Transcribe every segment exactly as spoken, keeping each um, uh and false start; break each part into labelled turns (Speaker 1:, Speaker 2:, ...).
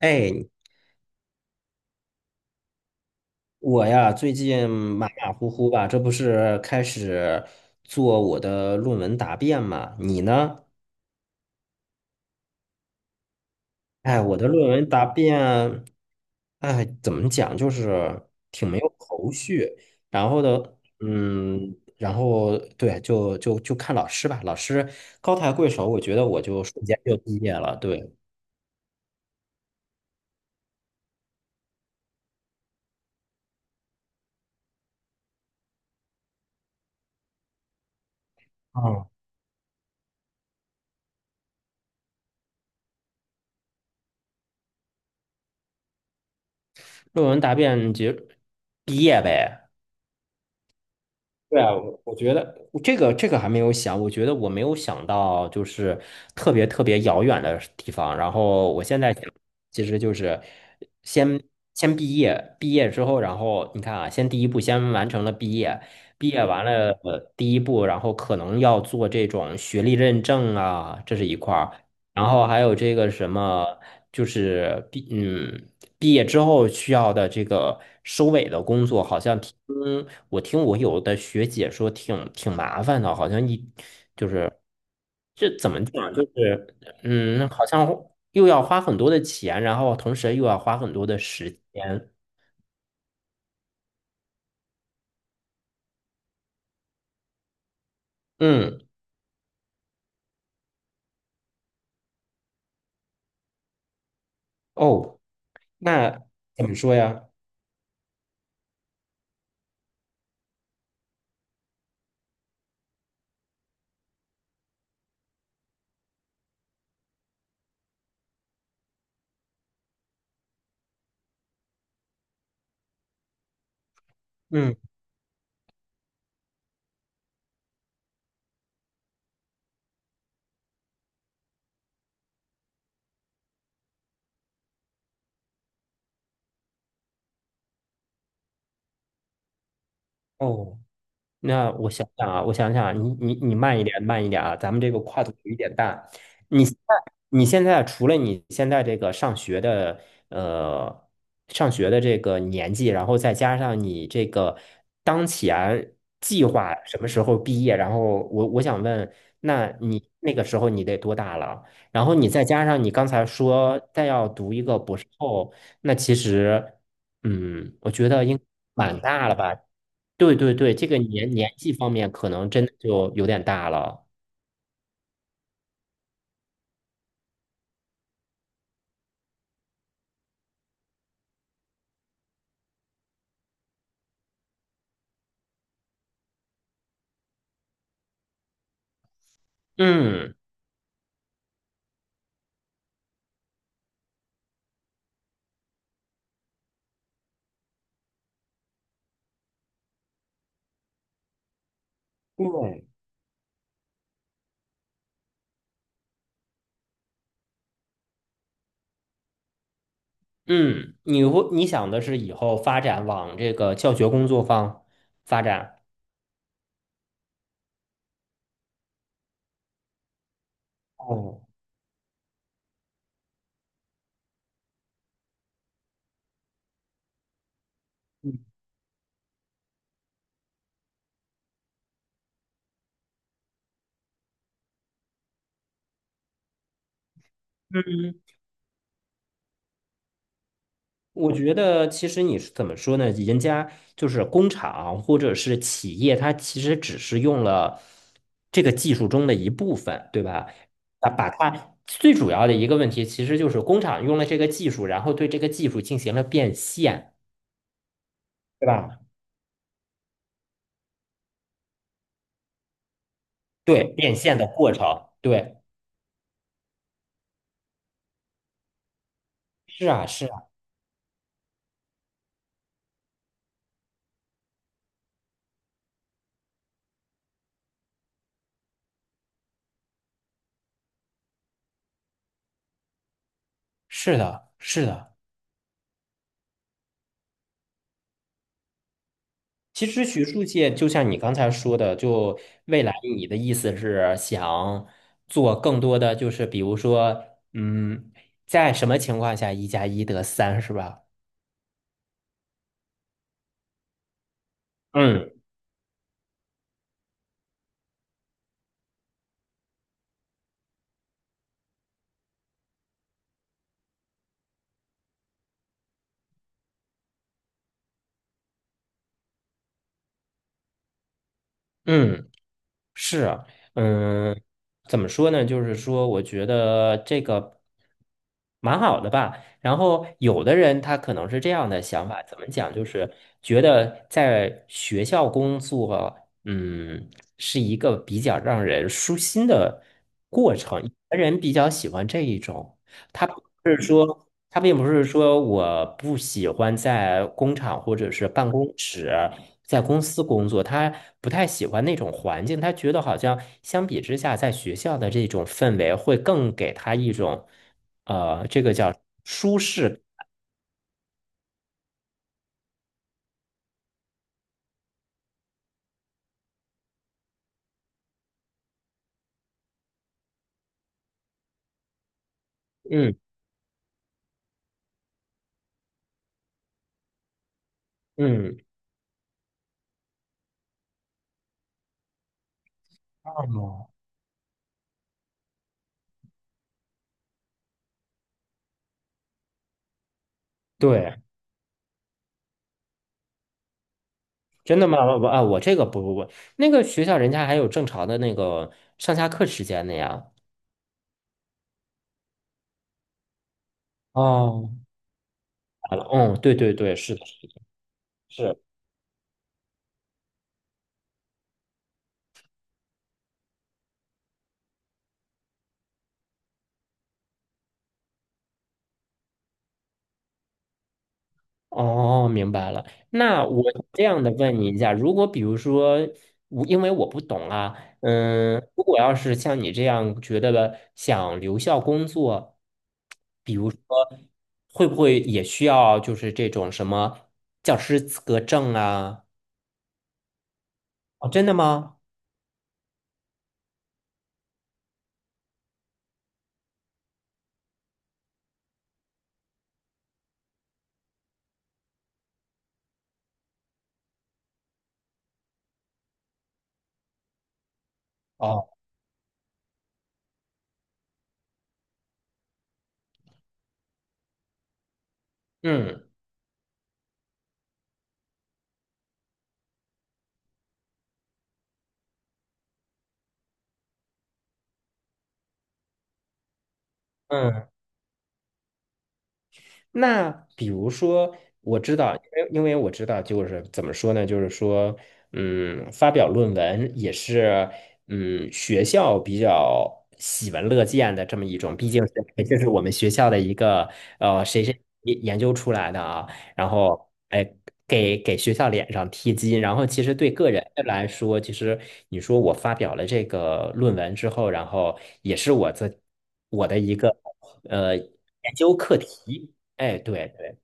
Speaker 1: 哎，我呀，最近马马虎虎吧，这不是开始做我的论文答辩嘛？你呢？哎，我的论文答辩，哎，怎么讲，就是挺没有，然后的，嗯，然后对，就就就看老师吧，老师高抬贵手，我觉得我就瞬间就毕业了，对，嗯，论文答辩就毕业呗。对啊，我我觉得这个这个还没有想，我觉得我没有想到就是特别特别遥远的地方。然后我现在想，其实就是先先毕业，毕业之后，然后你看啊，先第一步先完成了毕业，毕业完了呃第一步，然后可能要做这种学历认证啊，这是一块儿。然后还有这个什么，就是毕嗯毕业之后需要的这个收尾的工作，好像听。我听我有的学姐说挺挺麻烦的，好像一就是这怎么讲，就是嗯，好像又要花很多的钱，然后同时又要花很多的时间。嗯，哦，那怎么说呀？嗯，哦。那我想想啊，我想想啊你你你慢一点，慢一点啊，咱们这个跨度有一点大。你现在你现在除了你现在这个上学的呃上学的这个年纪，然后再加上你这个当前计划什么时候毕业，然后我我想问，那你那个时候你得多大了？然后你再加上你刚才说再要读一个博士后，那其实嗯，我觉得应蛮大了吧？对对对，这个年年纪方面可能真的就有点大了。嗯对，嗯，你会你想的是以后发展往这个教学工作方发展？哦，嗯嗯，我觉得其实你是怎么说呢？人家就是工厂或者是企业，它其实只是用了这个技术中的一部分，对吧？啊，把它最主要的一个问题，其实就是工厂用了这个技术，然后对这个技术进行了变现，对吧？对，变现的过程，对，是啊，是啊，是的，是的。其实学术界就像你刚才说的，就未来你的意思是想做更多的，就是比如说，嗯，在什么情况下一加一得三是吧？嗯嗯。是啊，嗯，怎么说呢？就是说，我觉得这个蛮好的吧。然后，有的人他可能是这样的想法，怎么讲？就是觉得在学校工作，嗯，是一个比较让人舒心的过程。有的人比较喜欢这一种，他不是说。他并不是说我不喜欢在工厂或者是办公室，在公司工作，他不太喜欢那种环境，他觉得好像相比之下，在学校的这种氛围会更给他一种，呃，这个叫舒适。嗯嗯，哦，对，真的吗？我啊，我这个不不不，那个学校人家还有正常的那个上下课时间的呀。哦，好了嗯，对对对，是的，是。哦，明白了。那我这样的问你一下，如果比如说，我因为我不懂啊，嗯，如果要是像你这样觉得的，想留校工作，比如会不会也需要就是这种什么教师资格证啊？哦，真的吗？哦，嗯嗯。那比如说，我知道，因为因为我知道，就是怎么说呢？就是说，嗯，发表论文也是，嗯，学校比较喜闻乐见的这么一种，毕竟是这是我们学校的一个呃谁谁研研究出来的啊，然后哎。给给学校脸上贴金，然后其实对个人来说，其实你说我发表了这个论文之后，然后也是我自我的一个呃研究课题，哎，对对，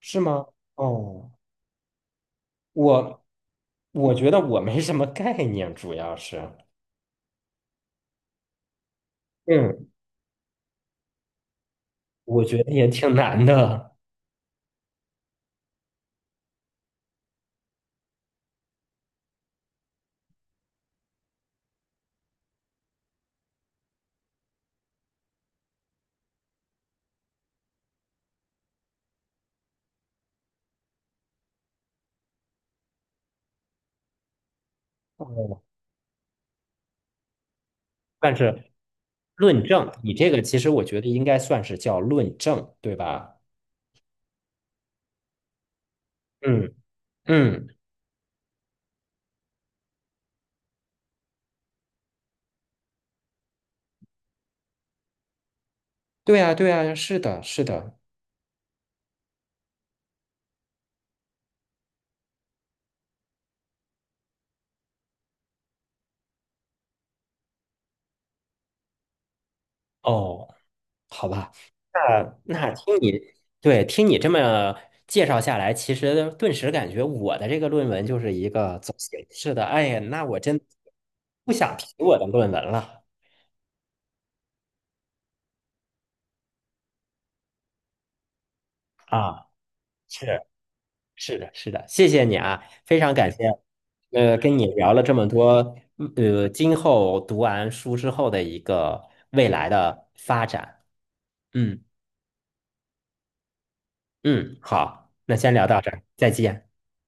Speaker 1: 是吗？哦，我我觉得我没什么概念，主要是，嗯，我觉得也挺难的。哦，但是论证，你这个其实我觉得应该算是叫论证，对吧？嗯嗯，对啊对啊，是的，是的，哦，好吧。那那听你对听你这么介绍下来，其实顿时感觉我的这个论文就是一个走形式的。哎呀，那我真不想提我的论文了啊！是是的，是的，谢谢你啊，非常感谢。呃，跟你聊了这么多，嗯呃，今后读完书之后的一个未来的发展。嗯嗯，好，那先聊到这儿，再见。